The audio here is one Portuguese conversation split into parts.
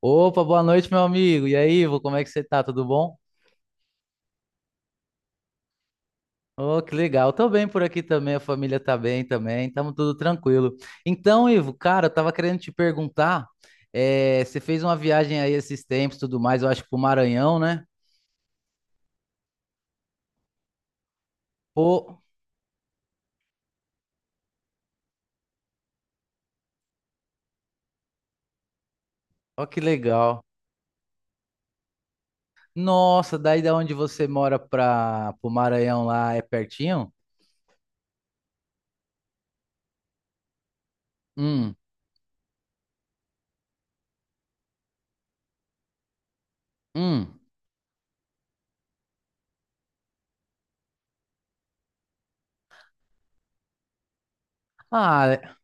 Opa, boa noite, meu amigo. E aí, Ivo, como é que você tá? Tudo bom? Oh, que legal. Tô bem por aqui também, a família tá bem também, estamos tudo tranquilo. Então, Ivo, cara, eu tava querendo te perguntar, você fez uma viagem aí esses tempos, tudo mais, eu acho que pro Maranhão, né? Pô, ó que legal. Nossa, daí da onde você mora para pro Maranhão lá é pertinho? Hum, hum. Ah,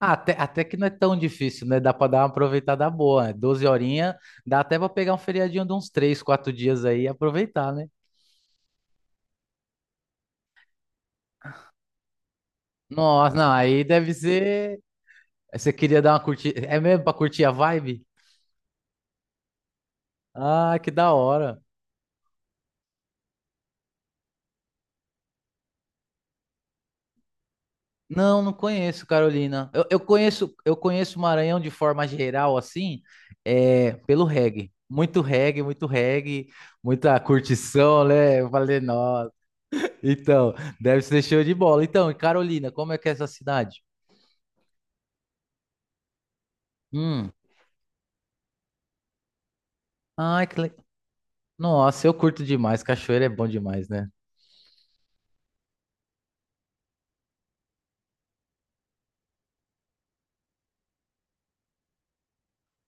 Ah, Até que não é tão difícil, né? Dá para dar uma aproveitada boa, né? 12 horinhas, dá até para pegar um feriadinho de uns três quatro dias aí e aproveitar, né? Nossa, não, aí deve ser. Você queria dar uma curtida. É mesmo pra curtir a vibe? Ah, que da hora. Não, não conheço, Carolina. Eu conheço Maranhão de forma geral, assim, é, pelo reggae. Muito reggae, muito reggae, muita curtição, né? Eu falei, nossa. Então, deve ser show de bola. Então, e Carolina, como é que é essa cidade? Hum. Ai, que legal. Nossa, eu curto demais. Cachoeira é bom demais, né?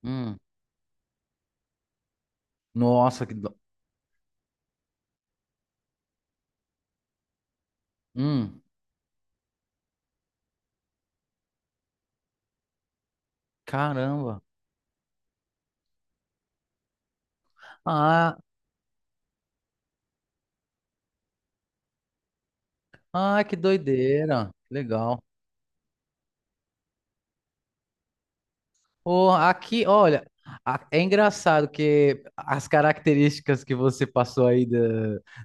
Hum. Nossa, Hum. Caramba. Ah, ah, que doideira. Que legal. Pô, aqui, olha, é engraçado que as características que você passou aí da,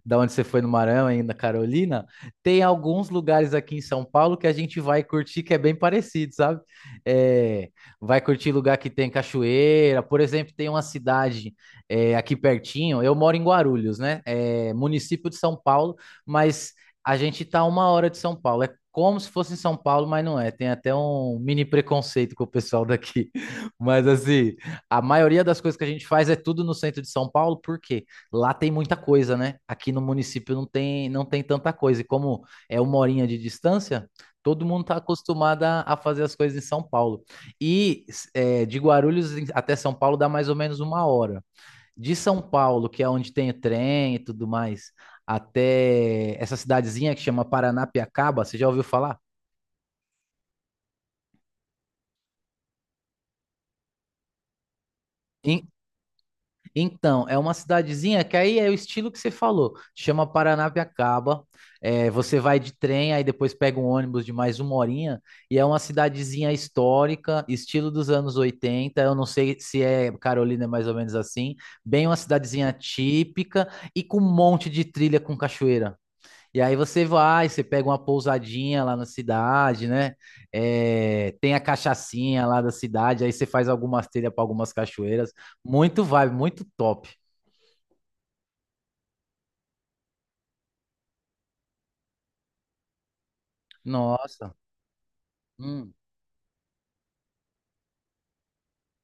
da onde você foi no Maranhão, aí na Carolina, tem alguns lugares aqui em São Paulo que a gente vai curtir que é bem parecido, sabe? É, vai curtir lugar que tem cachoeira, por exemplo, tem uma cidade é, aqui pertinho, eu moro em Guarulhos, né? É município de São Paulo, mas a gente tá a uma hora de São Paulo, é como se fosse em São Paulo, mas não é. Tem até um mini preconceito com o pessoal daqui. Mas assim, a maioria das coisas que a gente faz é tudo no centro de São Paulo, porque lá tem muita coisa, né? Aqui no município não tem, não tem tanta coisa. E como é uma horinha de distância, todo mundo está acostumado a fazer as coisas em São Paulo. E é, de Guarulhos até São Paulo dá mais ou menos uma hora. De São Paulo, que é onde tem o trem e tudo mais, até essa cidadezinha que chama Paranapiacaba, você já ouviu falar? In- Então, é uma cidadezinha que aí é o estilo que você falou, chama Paranapiacaba. É, você vai de trem, aí depois pega um ônibus de mais uma horinha, e é uma cidadezinha histórica, estilo dos anos 80. Eu não sei se é Carolina, é mais ou menos assim. Bem, uma cidadezinha típica e com um monte de trilha com cachoeira. E aí você vai, você pega uma pousadinha lá na cidade, né? É, tem a cachaçinha lá da cidade, aí você faz algumas trilhas para algumas cachoeiras. Muito vibe, muito top. Nossa. Hum,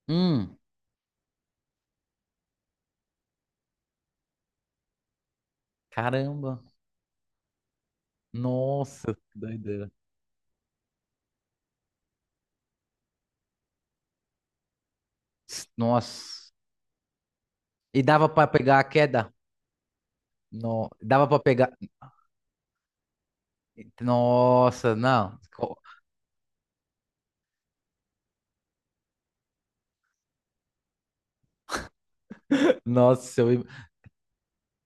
hum, caramba. Nossa, que doideira. Nossa. E dava para pegar a queda? Não, dava para pegar. Nossa, não. Nossa,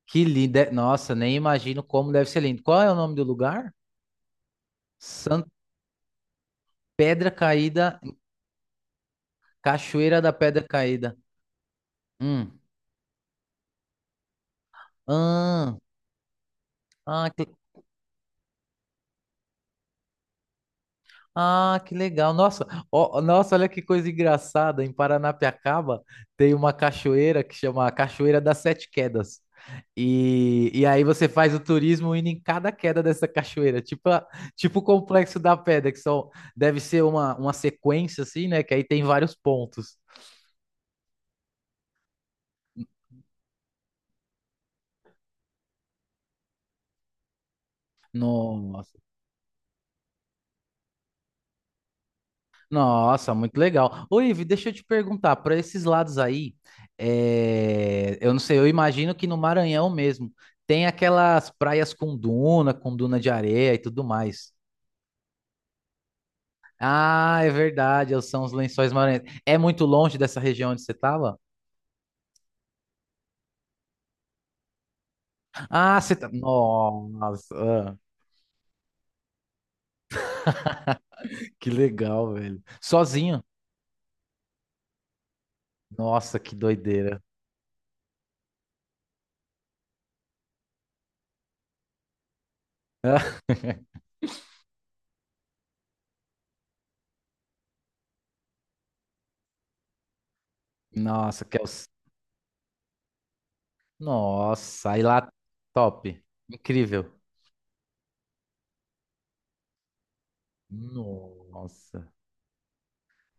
que lindo. Nossa, nem imagino como deve ser lindo. Qual é o nome do lugar? San Pedra Caída. Cachoeira da Pedra Caída. Hum. Ah, ah, que, ah, que legal. Nossa, ó, nossa, olha que coisa engraçada. Em Paranapiacaba tem uma cachoeira que chama Cachoeira das Sete Quedas. E aí você faz o turismo indo em cada queda dessa cachoeira, tipo, tipo o Complexo da Pedra, que são, deve ser uma sequência assim, né? Que aí tem vários pontos. Nossa. Nossa, muito legal. Ô, Ivi, deixa eu te perguntar, para esses lados aí, é, eu não sei, eu imagino que no Maranhão mesmo tem aquelas praias com duna de areia e tudo mais. Ah, é verdade, são os Lençóis Maranhenses. É muito longe dessa região onde você tava? Ah, você tá. Nossa, ah, que legal, velho. Sozinho? Nossa, que doideira. Nossa, que é o... Nossa, aí lá, top. Incrível. Nossa.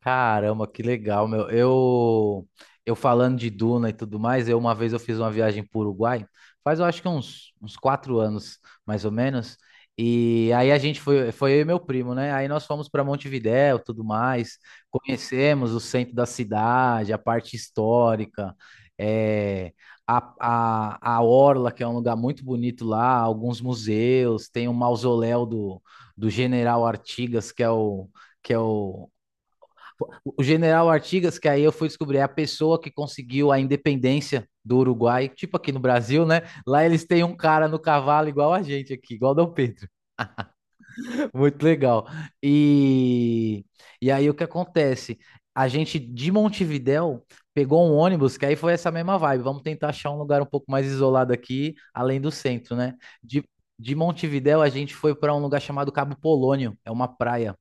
Caramba, que legal, meu. Eu falando de Duna e tudo mais, eu uma vez eu fiz uma viagem para o Uruguai, faz eu acho que uns 4 anos, mais ou menos. E aí a gente foi eu e meu primo, né? Aí nós fomos para Montevidéu, tudo mais, conhecemos o centro da cidade, a parte histórica, é, a Orla, que é um lugar muito bonito lá, alguns museus, tem o mausoléu do General Artigas, que é o que é o, o general Artigas, que aí eu fui descobrir, é a pessoa que conseguiu a independência do Uruguai, tipo aqui no Brasil, né? Lá eles têm um cara no cavalo igual a gente aqui, igual Dom Pedro. Muito legal. E, e aí o que acontece? A gente de Montevidéu pegou um ônibus, que aí foi essa mesma vibe. Vamos tentar achar um lugar um pouco mais isolado aqui, além do centro, né? De, de Montevidéu a gente foi para um lugar chamado Cabo Polônio, é uma praia.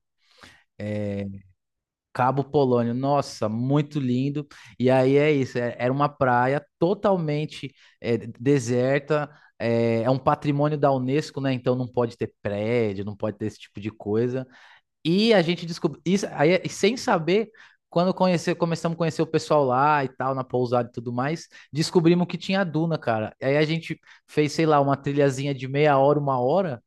Cabo Polônio, nossa, muito lindo. E aí é isso, era uma praia totalmente é, deserta, é um patrimônio da Unesco, né? Então não pode ter prédio, não pode ter esse tipo de coisa. E a gente descobriu isso aí, sem saber, quando conhecer, começamos a conhecer o pessoal lá e tal, na pousada e tudo mais, descobrimos que tinha duna, cara. Aí a gente fez, sei lá, uma trilhazinha de meia hora, uma hora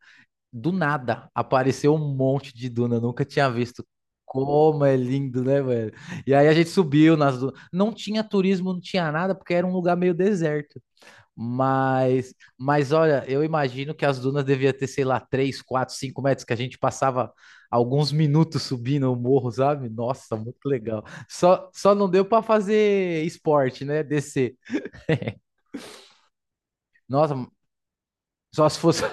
do nada apareceu um monte de duna, eu nunca tinha visto. Como é lindo, né, velho? E aí a gente subiu nas dunas. Não tinha turismo, não tinha nada, porque era um lugar meio deserto. Mas olha, eu imagino que as dunas devia ter, sei lá, 3, 4, 5 metros, que a gente passava alguns minutos subindo o morro, sabe? Nossa, muito legal. Só não deu para fazer esporte, né? Descer. Nossa, só se fosse.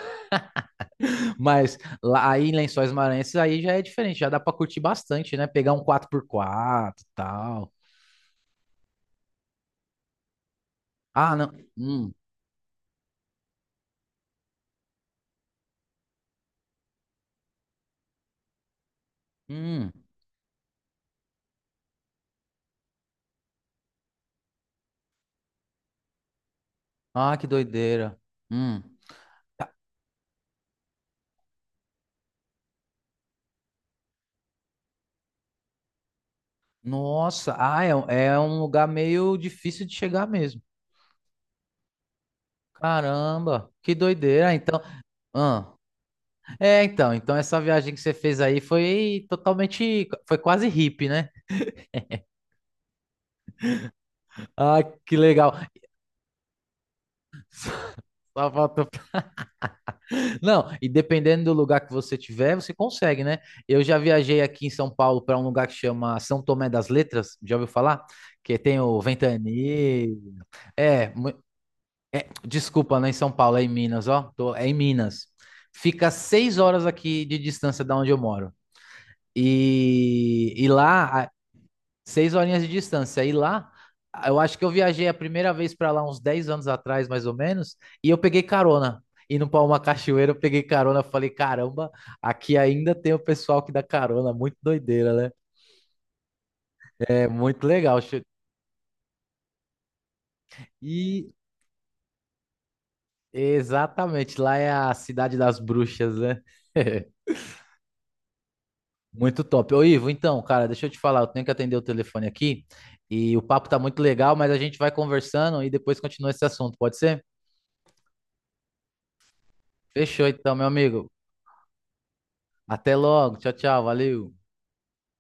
Mas lá aí em Lençóis Maranhenses aí já é diferente, já dá pra curtir bastante, né? Pegar um quatro por quatro e tal. Ah, não. Hum, hum. Ah, que doideira. Hum. Nossa, ah, é, é um lugar meio difícil de chegar mesmo. Caramba, que doideira. Então, ah. É, então, então essa viagem que você fez aí foi totalmente, foi quase hippie, né? Ah, que legal. Só faltou. Não, e dependendo do lugar que você tiver, você consegue, né? Eu já viajei aqui em São Paulo para um lugar que chama São Tomé das Letras, já ouviu falar? Que tem o Ventani. É, é, desculpa, não é em São Paulo, é em Minas, ó. É em Minas. Fica 6 horas aqui de distância da onde eu moro. E lá. Seis horinhas de distância. E lá, eu acho que eu viajei a primeira vez para lá uns 10 anos atrás, mais ou menos, e eu peguei carona. Indo para uma cachoeira, eu peguei carona. Falei, caramba, aqui ainda tem o pessoal que dá carona. Muito doideira, né? É muito legal. E exatamente, lá é a cidade das bruxas, né? Muito top. Ô, Ivo, então, cara, deixa eu te falar, eu tenho que atender o telefone aqui e o papo tá muito legal, mas a gente vai conversando e depois continua esse assunto, pode ser? Fechou então, meu amigo. Até logo. Tchau, tchau. Valeu.